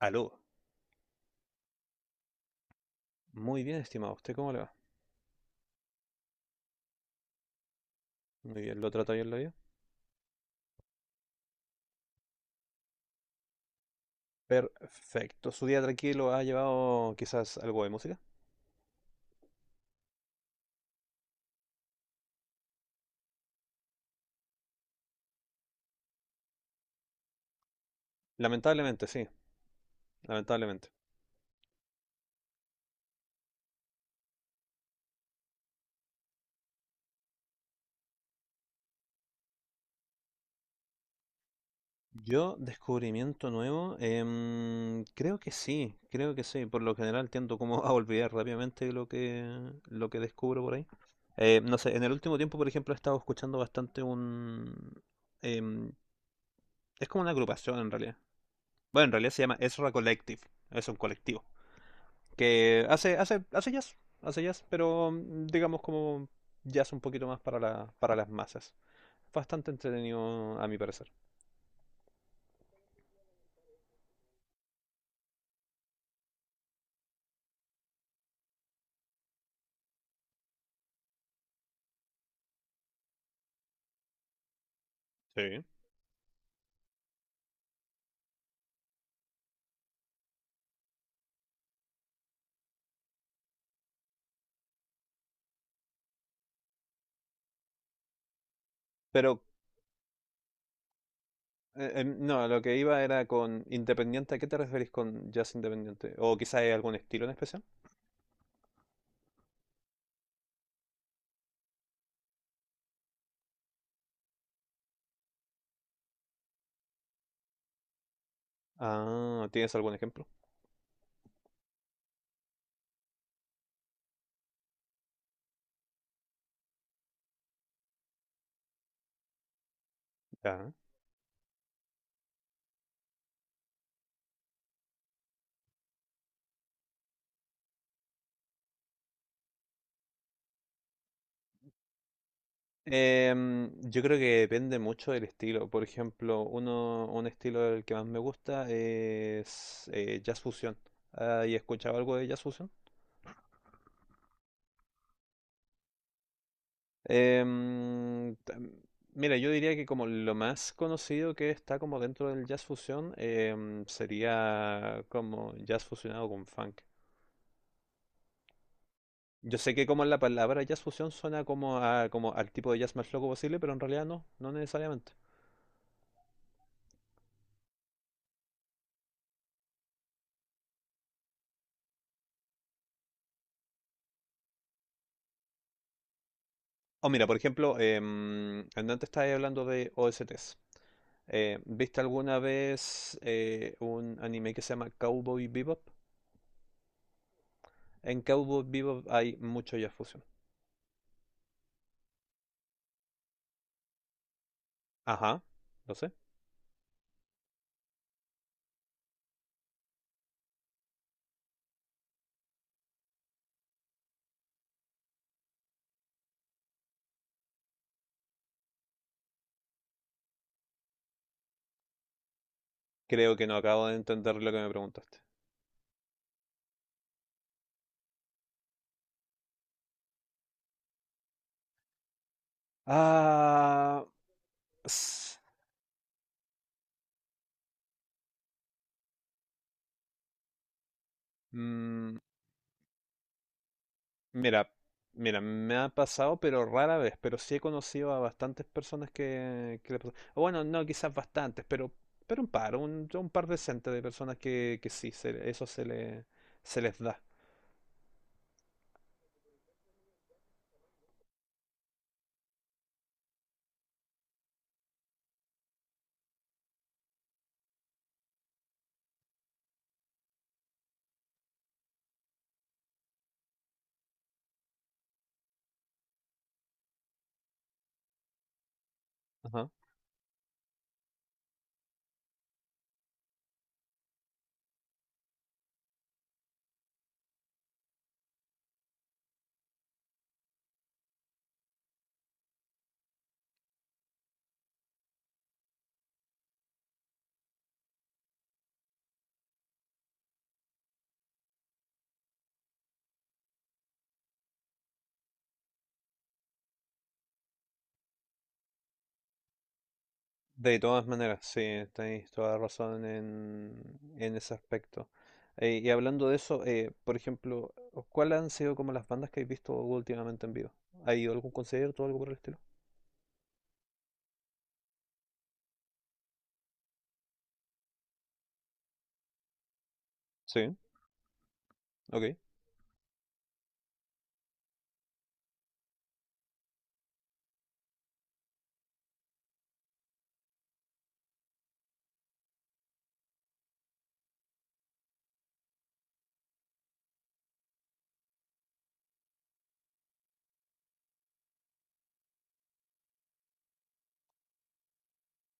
Aló. Muy bien, estimado. ¿Usted cómo le va? Muy bien, ¿lo trata bien la vida? Perfecto. ¿Su día tranquilo ha llevado quizás algo de música? Lamentablemente, sí, lamentablemente. Yo, descubrimiento nuevo, creo que sí, creo que sí. Por lo general tiendo como a olvidar rápidamente lo que descubro por ahí. No sé, en el último tiempo, por ejemplo, he estado escuchando bastante un... em, es como una agrupación en realidad. Bueno, en realidad se llama Ezra Collective. Es un colectivo que hace jazz, pero digamos como jazz un poquito más para para las masas. Bastante entretenido a mi parecer. Sí. Pero no, lo que iba era con independiente. ¿A qué te referís con jazz independiente? ¿O quizás hay algún estilo en especial? Ah, ¿tienes algún ejemplo? Ya. Yo creo que depende mucho del estilo. Por ejemplo, un estilo del que más me gusta es jazz fusión. ¿Has escuchado algo de jazz fusión? Em, tam- mira, yo diría que como lo más conocido que está como dentro del jazz fusión sería como jazz fusionado con funk. Yo sé que como la palabra jazz fusión suena como como al tipo de jazz más loco posible, pero en realidad no, no necesariamente. O mira, por ejemplo, antes estaba hablando de OSTs. ¿Viste alguna vez un anime que se llama Cowboy Bebop? En Cowboy Bebop hay mucho Jazz Fusion. Ajá, lo sé. Creo que no acabo de entender lo que me preguntaste. Ah, s- mm, mira, mira, me ha pasado, pero rara vez, pero sí he conocido a bastantes personas que le pasa- o bueno, no, quizás bastantes, pero un par, un par decente de personas que sí, se- eso se le, se les da. Ajá. De todas maneras, sí, tenéis toda la razón en ese aspecto. Y hablando de eso, por ejemplo, ¿cuáles han sido como las bandas que habéis visto últimamente en vivo? ¿Ha ido a algún concierto o algo por el estilo? Sí, ok.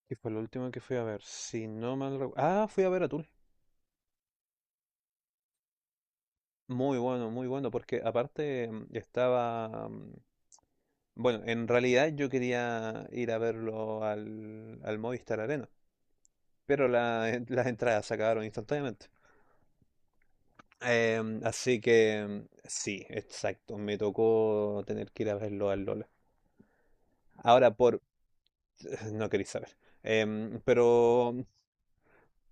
Y fue lo último que fui a ver, si no mal ah, fui a ver a Tool. Muy bueno, muy bueno, porque aparte estaba... bueno, en realidad yo quería ir a verlo al Movistar Arena, pero las entradas se acabaron instantáneamente. Así que sí, exacto. Me tocó tener que ir a verlo al Lola. Ahora por... no queréis saber. Pero...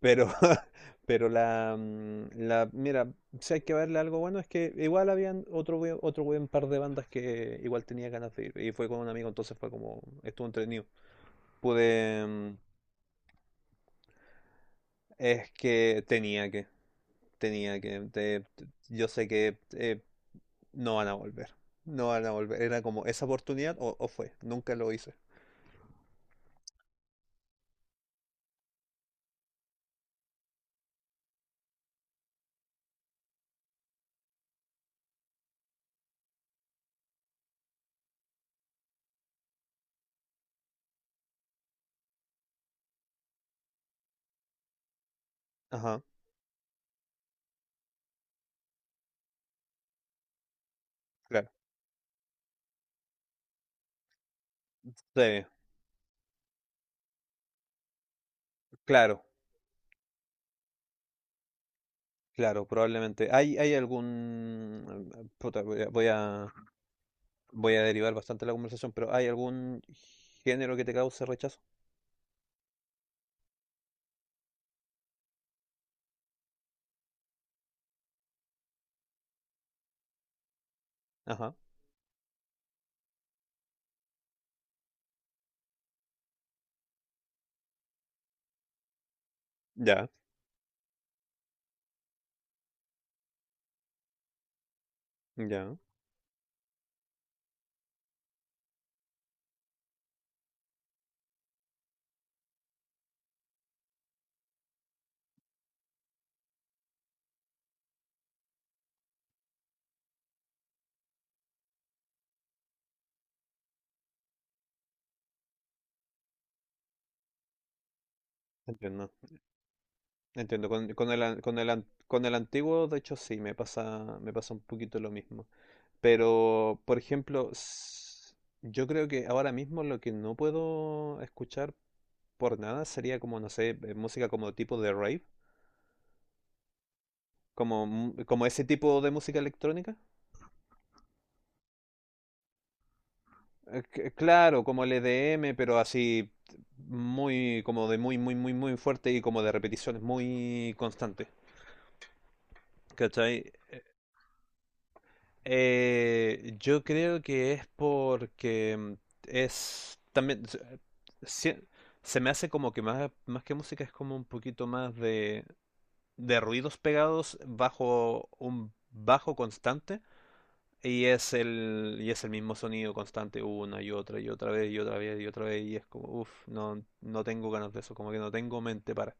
pero... pero la... Mira, si hay que verle algo bueno es que igual habían otro buen par de bandas que igual tenía ganas de ir. Y fue con un amigo, entonces fue como... estuvo entretenido. Pude... em, Es que tenía que... tenía que... yo sé que... no van a volver. No van a volver. Era como esa oportunidad o fue. Nunca lo hice. Ajá, claro. Sí, claro, claro, probablemente. ¿Hay algún... puta, voy a... voy a derivar bastante la conversación, pero ¿hay algún género que te cause rechazo? Ajá, ya, ya, entiendo. Entiendo, con el antiguo, de hecho, sí, me pasa un poquito lo mismo. Pero, por ejemplo, yo creo que ahora mismo lo que no puedo escuchar por nada sería como, no sé, música como tipo de rave, como ese tipo de música electrónica. Claro, como el EDM, pero así muy, como de muy fuerte y como de repeticiones muy constantes. ¿Cachai? Yo creo que es porque es también se- se me hace como que más, más que música es como un poquito más de ruidos pegados bajo un bajo constante. Y y es el mismo sonido constante una y otra vez y otra vez y otra vez y es como, uff, no, no tengo ganas de eso, como que no tengo mente para...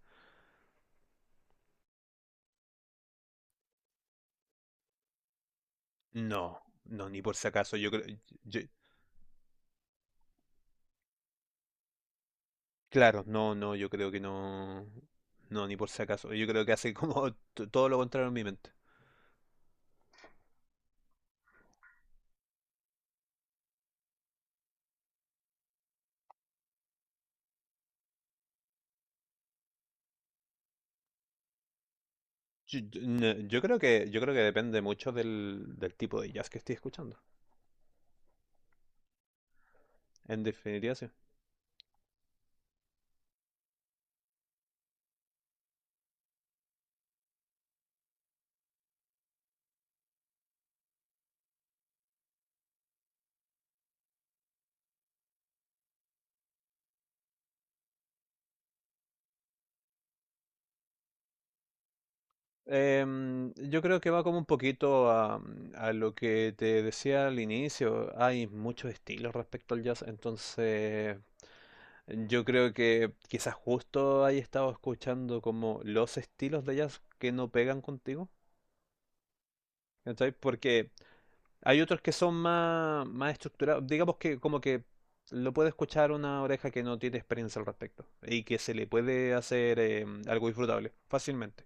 No, no, ni por si acaso, yo creo... yo- claro, no, no, yo creo que no... No, ni por si acaso, yo creo que hace como todo lo contrario en mi mente. No, yo creo que depende mucho del, del tipo de jazz que estoy escuchando. En definitiva, sí. Yo creo que va como un poquito a lo que te decía al inicio. Hay muchos estilos respecto al jazz, entonces yo creo que quizás justo ahí estado escuchando como los estilos de jazz que no pegan contigo, ¿cachai? Porque hay otros que son más, más estructurados, digamos que como que lo puede escuchar una oreja que no tiene experiencia al respecto y que se le puede hacer algo disfrutable fácilmente.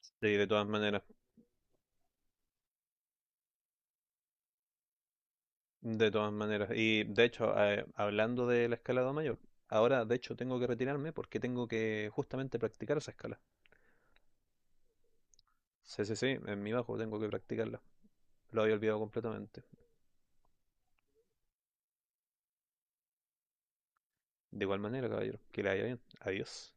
Sí, de todas maneras, de todas maneras. Y de hecho, hablando del escalado mayor, ahora de hecho tengo que retirarme porque tengo que justamente practicar esa escala. Sí, sí, sí, en mi bajo tengo que practicarla. Lo había olvidado completamente. De igual manera, caballero, que le vaya bien. Adiós.